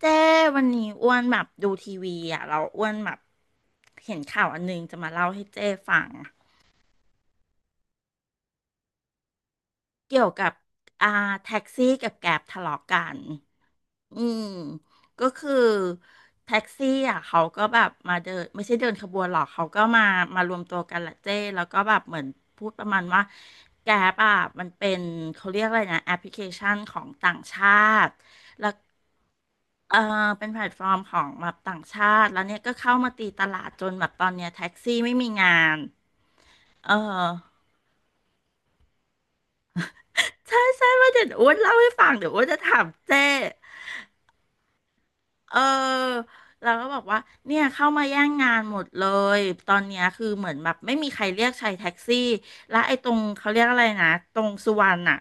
เจ้ วันนี้อ้วนแบบดูทีวีอ่ะ เราอ้วนแบบเห็นข่าวอันนึงจะมาเล่าให้เจ้ฟัง เกี่ยวกับอ่าแท็กซี่กับแกร็บทะเลาะกันอืมก็คือแท็กซี่อ่ะเขาก็แบบมาเดินไม่ใช่เดินขบวนหรอกเขาก็มามารวมตัวกันแหละเจ้แล้วก็แบบเหมือนพูดประมาณว่าแกร็บอ่ะมันเป็นเขาเรียกอะไรนะแอปพลิเคชันของต่างชาติแล้วเออเป็นแพลตฟอร์มของแบบต่างชาติแล้วเนี่ยก็เข้ามาตีตลาดจนแบบตอนเนี้ยแท็กซี่ไม่มีงานเออ ใช่ใช่ว่าเดี๋ยวอ้วนเล่าให้ฟังเดี๋ยวอ้วนจะถามเจ้เออเราก็บอกว่าเนี่ยเข้ามาแย่งงานหมดเลยตอนเนี้ยคือเหมือนแบบไม่มีใครเรียกใช้แท็กซี่และไอ้ตรงเขาเรียกอะไรนะตรงสุวรรณอ่ะ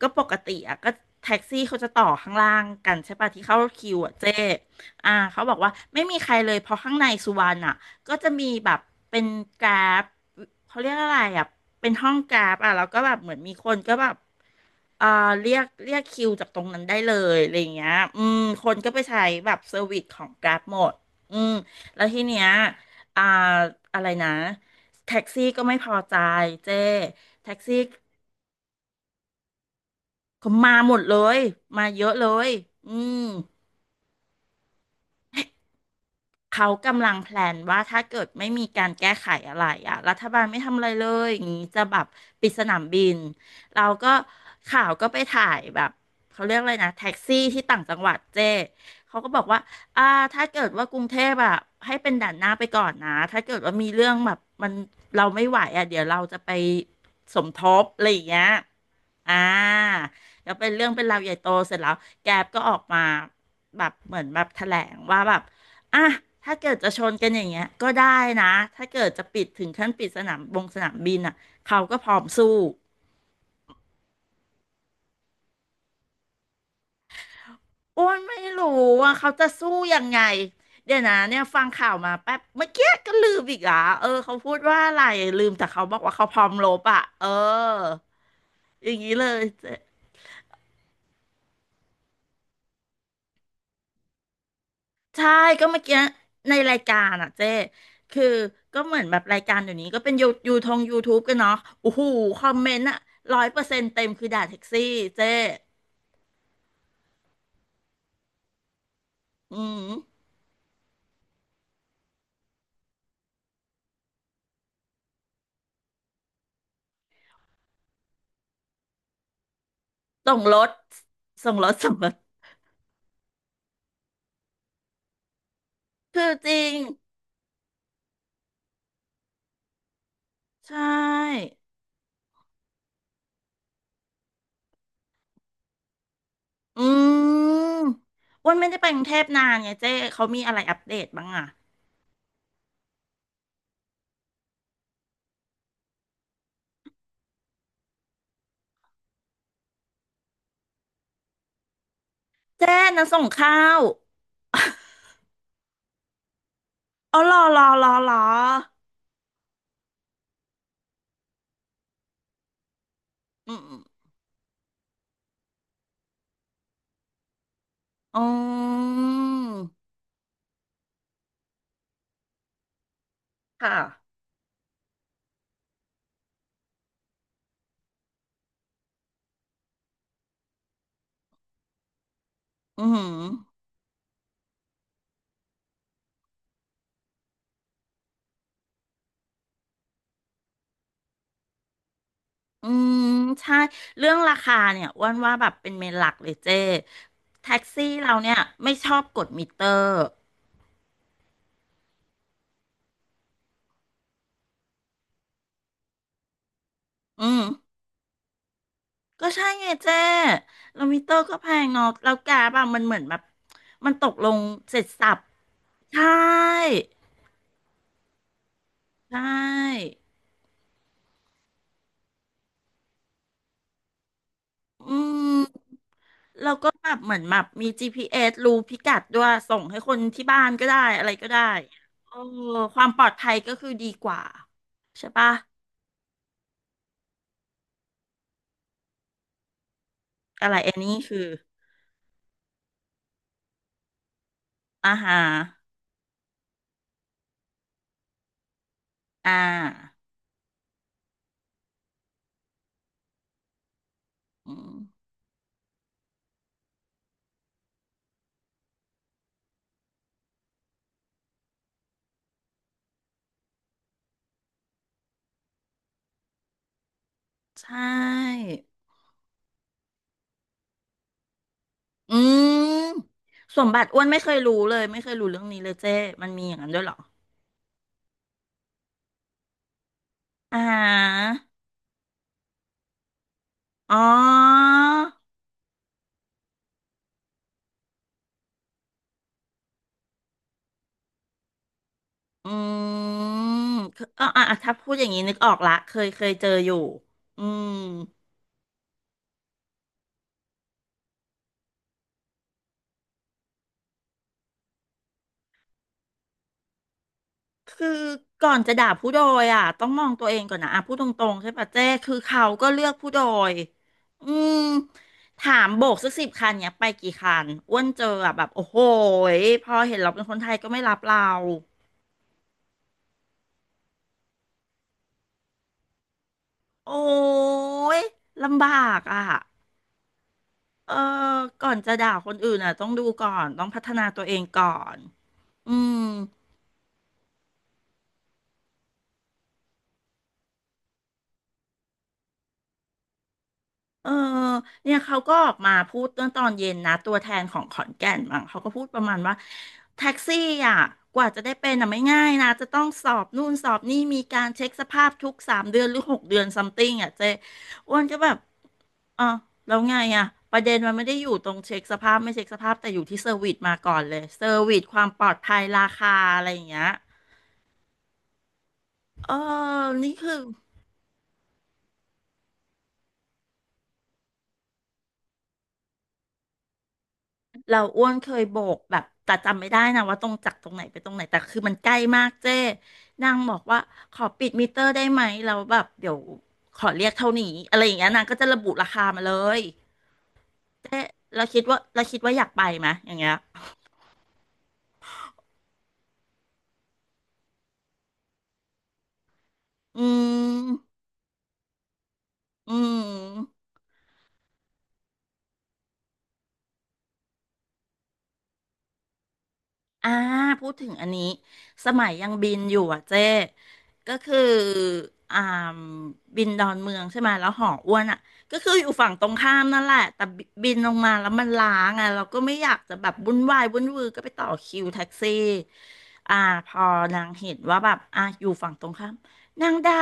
ก็ปกติอ่ะก็แท็กซี่เขาจะต่อข้างล่างกันใช่ปะที่เข้าคิวอ่ะเจ้อ่าเขาบอกว่าไม่มีใครเลยเพราะข้างในสุวรรณอ่ะ ก็จะมีแบบเป็นกราฟเขาเรียกอะไรอ่ะเป็นห้องกราฟอ่ะแล้วก็แบบเหมือนมีคนก็แบบเอ่อเรียกคิวจากตรงนั้นได้เลยอะไรอย่างเงี้ยอืมคนก็ไปใช้แบบเซอร์วิสของกราฟหมดอืมแล้วทีเนี้ยอ่าอะไรนะแท็กซี่ก็ไม่พอใจเจ้แท็กซี่ก็มาหมดเลยมาเยอะเลยอืม เขากำลังแพลนว่าถ้าเกิดไม่มีการแก้ไขอะไรอ่ะรัฐบาลไม่ทำอะไรเลยอย่างนี้จะแบบปิดสนามบินเราก็ข่าวก็ไปถ่ายแบบเขาเรียกอะไรนะแท็กซี่ที่ต่างจังหวัดเจ้เขาก็บอกว่าอ่าถ้าเกิดว่ากรุงเทพอ่ะให้เป็นด่านหน้าไปก่อนนะถ้าเกิดว่ามีเรื่องแบบมันเราไม่ไหวอ่ะเดี๋ยวเราจะไปสมทบอะไรอย่างเงี้ยอ่าแล้วเป็นเรื่องเป็นราวใหญ่โตเสร็จแล้วแกร็บก็ออกมาแบบเหมือนแบบแถลงว่าแบบ อ่ะถ้าเกิดจะชนกันอย่างเงี้ยก็ได้นะถ้าเกิดจะปิดถึงขั้นปิดสนามบินอ่ะเขาก็พร้อมสู้อ้วนไม่รู้ว่าเขาจะสู้ยังไงเดี๋ยวนะเนี่ยฟังข่าวมาแป๊บเมื่อกี้ก็ลืมอีกอ่ะเออเขาพูดว่าอะไร ลืมแต่เขาบอกว่าเขาพร้อมรบอ่ะเอออย่างนี้เลยเจ๊ใช่ ก็เมื่อกี้ในรายการอ่ะเจ๊คือก็เหมือนแบบรายการเดี๋ยวนี้ก็เป็นยูยูทงยูทูบกันเนาะโอ้โหคอมเมนต์อ่ะ100%เต็มคือด่าแท็กซี่เจ๊ อืมส่งรถส่งรถส่งรถคือจริงใช่อืมอ้วันไม่ได้ไปกรุงเทพนานไงเจ๊เขามีอะไรอัปเดตบ้างอ่ะเจ๊นะส่งข้าว อ๋อรอรอรอรออืมอืมค่ะอืมอืมใช่เรื่องราคาเนี่ยอ้วนว่าแบบเป็นเมนหลักเลยเจ้แท็กซี่เราเนี่ยไม่ชอบกดมิเตอร์อืม ก็ใช่ไงเจ้แล้วมิเตอร์ก็แพงเนาะแล้วแกบางมันเหมือนแบบมันตกลงเสร็จสรรพใช่ใช่อืมแล้วก็แบบเหมือนแบบมี GPS รู้พิกัดด้วยส่งให้คนที่บ้านก็ได้อะไรก็ได้โอ้ความปลอดภัยก็คือดีกว่าใช่ปะอะไรอันนี้คืออาหารอ่าอืมใช่อืมสมบัติอ้วนไม่เคยรู้เลยไม่เคยรู้เรื่องนี้เลยเจ้มันมีอย่างนั้นด้วยเหรอ อ่าอ๋ออืมคืออ๋ออ่ะอ่ะถ้าพูดอย่างนี้นึกออกละเคยเคยเจออยู่อืมคือก่อนจะด่าผู้โดยอ่ะต้องมองตัวเองก่อนนะอ่ะพูดตรงๆใช่ปะเจ้คือเขาก็เลือกผู้โดยอืมถามโบกสัก10 คันเนี่ยไปกี่คันอ้วนเจออ่ะแบบโอ้โหยพอเห็นเราเป็นคนไทยก็ไม่รับเราโอ้ยลำบากอ่ะ เออก่อนจะด่าคนอื่นอ่ะต้องดูก่อนต้องพัฒนาตัวเองก่อนอืมเออเนี่ยเขาก็ออกมาพูดเมื่อตอนเย็นนะตัวแทนของขอนแก่นมั้งเขาก็พูดประมาณว่าแท็กซี่อ่ะกว่าจะได้เป็นอ่ะไม่ง่ายนะจะต้องสอบนู่นสอบนี่มีการเช็คสภาพทุก3 เดือนหรือ 6 เดือนซัมติงอ่ะเจ๊อ้วนก็แบบอ่ะแล้วไงอ่ะประเด็นมันไม่ได้อยู่ตรงเช็คสภาพไม่เช็คสภาพแต่อยู่ที่เซอร์วิสมาก่อนเลยเซอร์วิสความปลอดภัยราคาอะไรอย่างเงี้ยเออนี่คือ เราอ้วนเคยโบกแบบแต่จำไม่ได้นะว่าตรงจากตรงไหนไปตรงไหนแต่คือมันใกล้มากเจ้นางบอกว่าขอปิดมิเตอร์ได้ไหมเราแล้วแบบเดี๋ยวขอเรียกเท่านี้อะไรอย่างเงี้ยนางก็จะระบุราคามาเลยเจ้เราคิดว่าอยากไปไหมอย่างเงี้ยอืมอืม อ่าพูดถึงอันนี้สมัยยังบินอยู่อ่ะเจ๊ก็คืออ่าบินดอนเมืองใช่ไหมแล้วหออ้วนอ่ะก็คืออยู่ฝั่งตรงข้ามนั่นแหละแต่บินลงมาแล้วมันล้างอ่ะเราก็ไม่อยากจะแบบวุ่นวายวุ่นวือก็ไปต่อคิวแท็กซี่อ่าพอนางเห็นว่าแบบอ่ะอยู่ฝั่งตรงข้ามนางด่า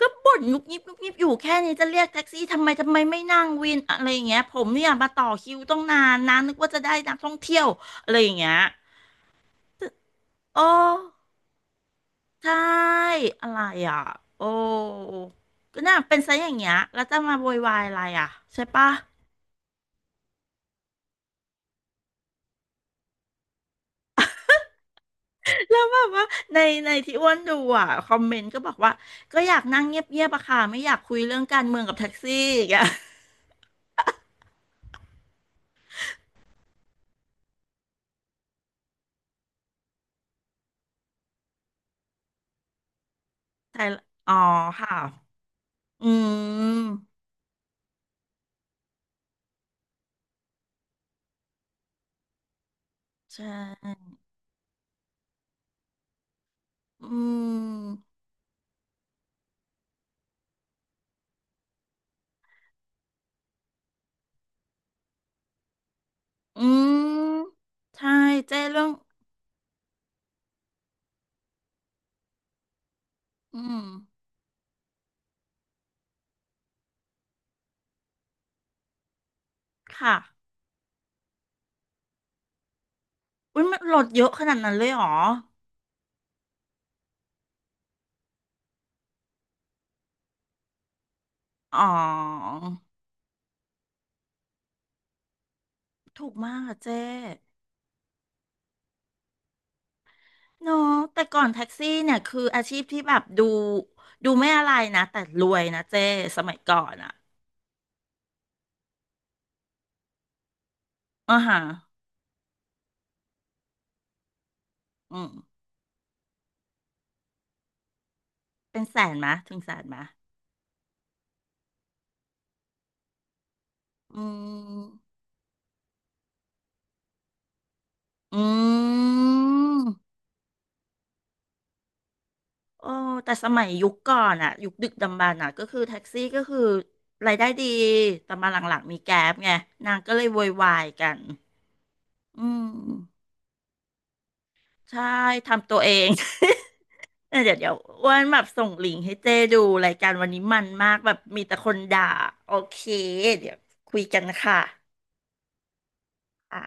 ก็บ่นงุบงิบงุบงิบอยู่แค่นี้จะเรียกแท็กซี่ทำไมทำไมไม่นั่งวินอะไรอย่างเงี้ยผมเนี่ยมาต่อคิวต้องนานนะนึกว่าจะได้นักท่องเที่ยวอะไรอย่างเงี้ย โอ้ใช่อะไรอ่ะโอ้ก็น่าเป็นซะอย่างเงี้ยแล้วจะมาโวยวายอะไรอ่ะใช่ปะแล้วแบบว่าในที่อ้วนดูอ่ะคอมเมนต์ก็บอกว่าก็อยากนั่งเงียบๆอะค่ะไม่อยากคุยเรื่องการเมืองกับแท็กซี่อย่างเงี้ยใช่ละอ๋อค่ะอืมใช่อืมอืมใช่เจ้เรื่องอืมค่ะอุ้ยมันลดเยอะขนาดนั้นเลยเหรออ๋อถูกมากอะเจ้ เนาะแต่ก่อนแท็กซี่เนี่ยคืออาชีพที่แบบดูไม่อะไรนะแต่รวยนะเจ้สมัยก่อนอ่ะอ่าฮะอืมเป็นแสนมะถึงแสนมะอืมอืมโอ้แต่สมัยยุคก่อนอ่ะยุคดึกดำบรรพ์อ่ะก็คือแท็กซี่ก็คือรายได้ดีแต่มาหลังๆมีแก๊ปไงนางก็เลยโวยวายกันอืมใช่ทำตัวเอง เออเดี๋ยวอ้วนแบบส่งลิงก์ให้เจ้ดูรายการวันนี้มันมากแบบมีแต่คนด่าโอเคเดี๋ยวคุยกันนะคะอ่ะ